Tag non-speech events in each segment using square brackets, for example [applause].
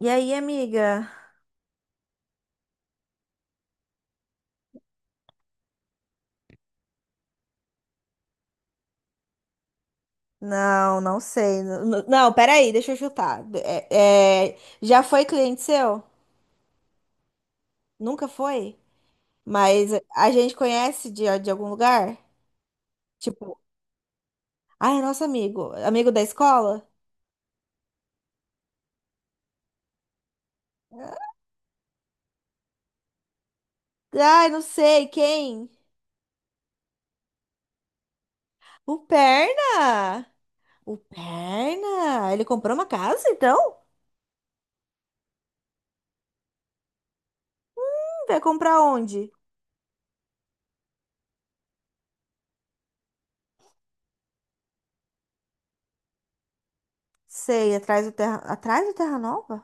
E aí, amiga? Não, não sei. Não, não, Peraí, deixa eu chutar. Já foi cliente seu? Nunca foi? Mas a gente conhece de algum lugar? Tipo, ai, é nosso amigo. Amigo da escola? Ai, não sei, quem? O Perna! O Perna! Ele comprou uma casa, então? Vai comprar onde? Sei, Atrás do Terra Nova?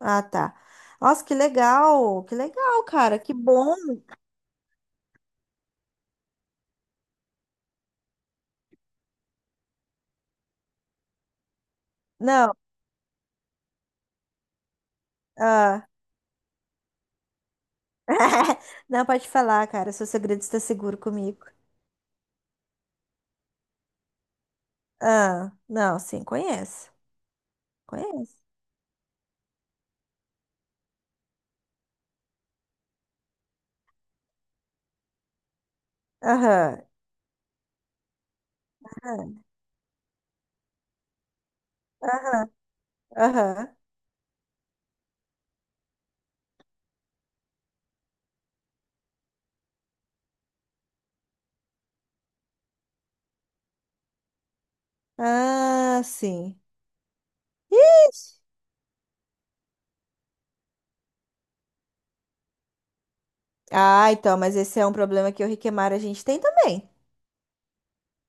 Ah, tá. Nossa, que legal! Que legal, cara. Que bom! Não. Ah. [laughs] Não, pode falar, cara. Seu segredo está seguro comigo. Ah, não, sim, conheço. Conheço. Aham, aham, aham, aham. Ah, sim. Ixi. Ah, então, mas esse é um problema que o Riquemar a gente tem também.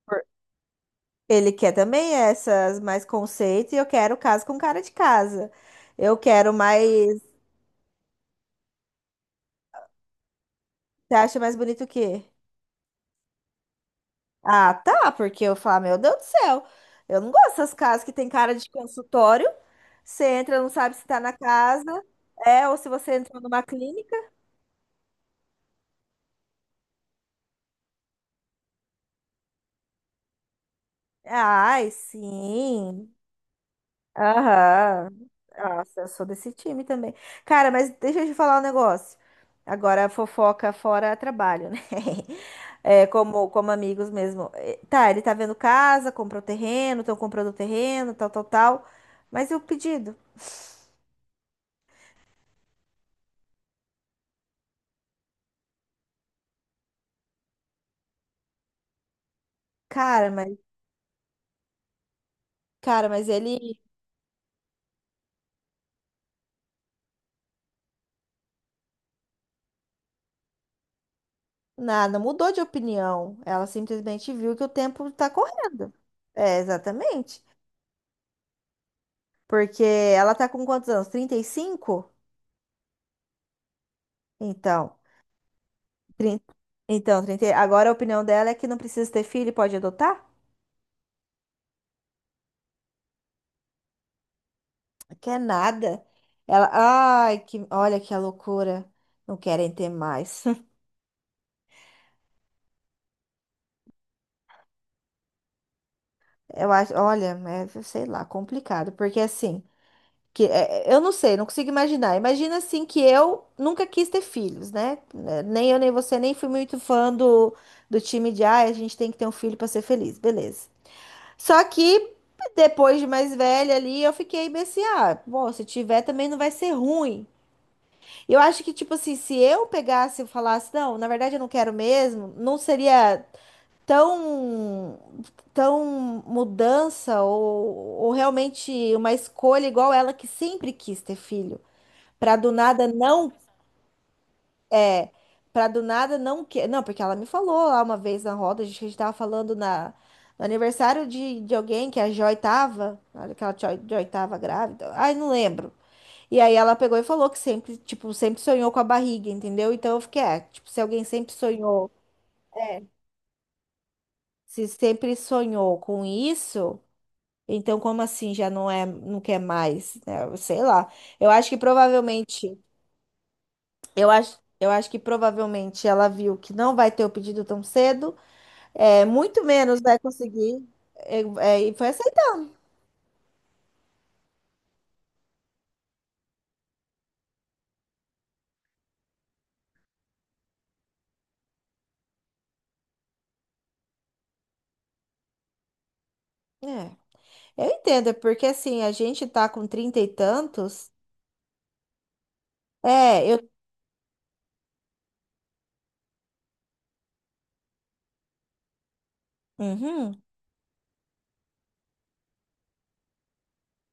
Por- Ele quer também essas mais conceito e eu quero caso com cara de casa. Eu quero mais. Você acha mais bonito o quê? Ah, tá, porque eu falo, meu Deus do céu, eu não gosto dessas casas que tem cara de consultório. Você entra, não sabe se tá na casa, é, ou se você entrou numa clínica. Ai, sim. Aham. Nossa, eu sou desse time também. Cara, mas deixa eu te falar um negócio. Agora, fofoca fora é trabalho, né? [laughs] É, como amigos mesmo. É, tá, ele tá vendo casa, comprou terreno, estão comprando terreno, tal, tal, tal. Mas e o pedido? Cara, mas cara, mas ele nada, mudou de opinião. Ela simplesmente viu que o tempo tá correndo. É, exatamente. Porque ela tá com quantos anos? 35. Então, 30. Então, 30, agora a opinião dela é que não precisa ter filho e pode adotar? Quer nada. Ela, ai, que, olha que a loucura. Não querem ter mais. [laughs] Eu acho, olha, é, sei lá, complicado, porque assim, que, eu não sei, não consigo imaginar. Imagina assim que eu nunca quis ter filhos, né? Né, nem eu, nem você, nem fui muito fã do, do time de ai, a gente tem que ter um filho para ser feliz, beleza. Só que depois de mais velha ali, eu fiquei meio assim, ah, bom, se tiver também não vai ser ruim. Eu acho que, tipo assim, se eu pegasse e falasse, não, na verdade eu não quero mesmo, não seria tão, tão mudança ou realmente uma escolha igual ela que sempre quis ter filho. Pra do nada não é, pra do nada não que, não, porque ela me falou lá uma vez na roda, a gente tava falando na no aniversário de alguém que a Joy tava, olha que a Joy, Joy tava grávida. Ai, não lembro. E aí ela pegou e falou que sempre, tipo, sempre sonhou com a barriga, entendeu? Então eu fiquei, é, tipo, se alguém sempre sonhou, é, se sempre sonhou com isso, então como assim já não é, não quer mais, né? Sei lá. Eu acho que provavelmente eu acho que provavelmente ela viu que não vai ter o pedido tão cedo, é, muito menos vai conseguir. É, e foi essa. É, eu entendo, é porque assim, a gente tá com trinta e tantos. É, eu. Uhum.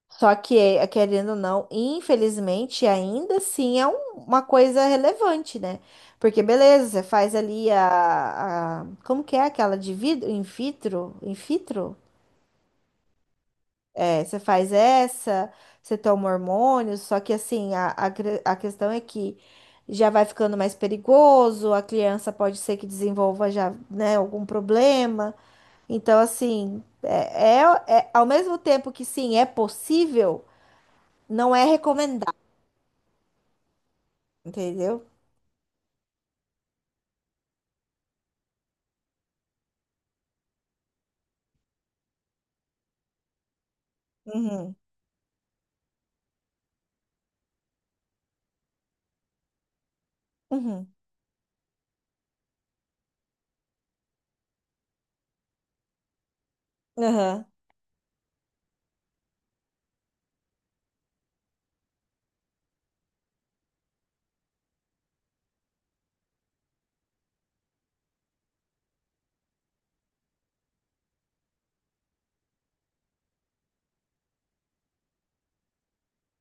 Só que, é, querendo ou não, infelizmente, ainda assim é um- uma coisa relevante, né? Porque, beleza, você faz ali Como que é aquela de vidro? In vitro? In vitro? É, você faz essa, você toma hormônios, só que assim, a questão é que já vai ficando mais perigoso, a criança pode ser que desenvolva já, né, algum problema. Então, assim, ao mesmo tempo que sim, é possível, não é recomendado, entendeu? Uhum, uhum, aham.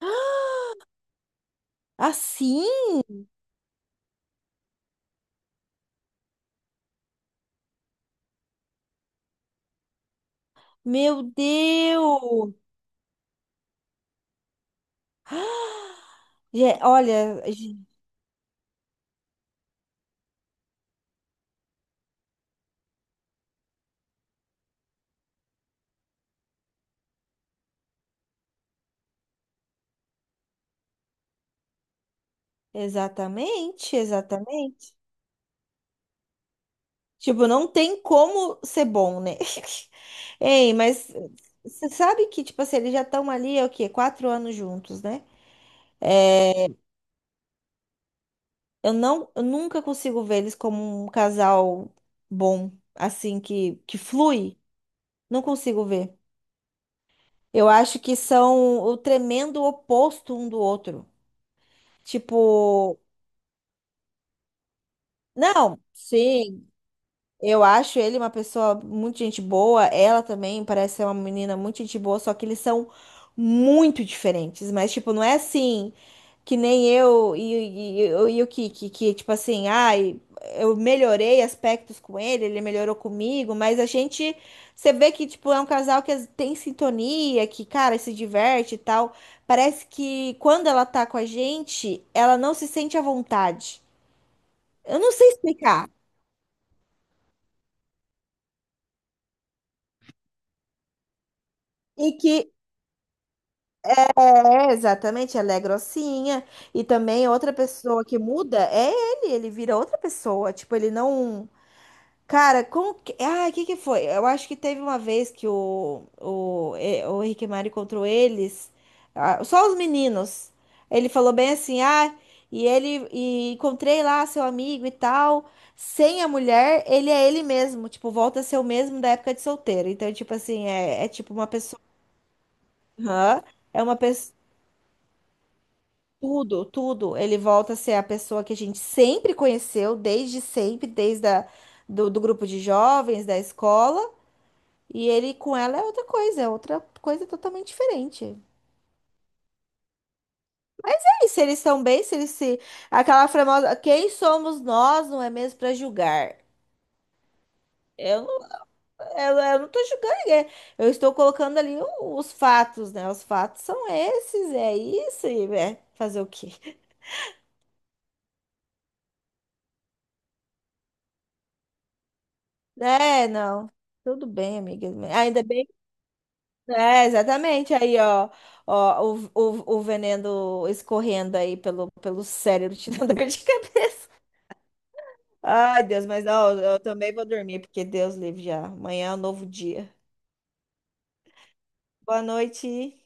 [gasps] Assim? Meu Deus! [gasps] Ge- Olha, ge- exatamente, exatamente. Tipo, não tem como ser bom, né? [laughs] Ei, mas você sabe que, tipo assim, eles já estão ali, é o quê? Quatro anos juntos, né? É, eu nunca consigo ver eles como um casal bom, assim, que flui. Não consigo ver. Eu acho que são o tremendo oposto um do outro. Tipo, não, sim, eu acho ele uma pessoa muito gente boa. Ela também parece ser uma menina muito gente boa, só que eles são muito diferentes. Mas, tipo, não é assim que nem eu e o Kiki, que, tipo assim, ai, eu melhorei aspectos com ele, ele melhorou comigo, mas a gente, você vê que, tipo, é um casal que tem sintonia, que, cara, se diverte e tal. Parece que quando ela tá com a gente, ela não se sente à vontade. Eu não sei explicar. E que exatamente, ela é grossinha. E também outra pessoa que muda é ele, ele vira outra pessoa. Tipo, ele não. Cara, como que. Ah, o que que foi? Eu acho que teve uma vez que o Rick e Morty encontrou eles, ah, só os meninos. Ele falou bem assim, ah, e ele. E encontrei lá seu amigo e tal. Sem a mulher, ele é ele mesmo. Tipo, volta a ser o mesmo da época de solteiro. Então, tipo assim, é tipo uma pessoa. Aham. É uma pessoa. Tudo, tudo. Ele volta a ser a pessoa que a gente sempre conheceu, desde sempre, do grupo de jovens, da escola. E ele com ela é outra coisa totalmente diferente. E se eles estão bem, se eles se. Aquela famosa. Quem somos nós, não é mesmo, para julgar? Eu não, eu não tô julgando ninguém. Eu estou colocando ali os fatos, né? Os fatos são esses, é isso, e é fazer o quê? É, não. Tudo bem, amiga. Ainda bem. É, exatamente. Aí, ó, ó, o veneno escorrendo aí pelo cérebro, te dando [laughs] dor de cabeça. Ai, Deus, mas ó, eu também vou dormir, porque Deus livre já. Amanhã é um novo dia. Boa noite.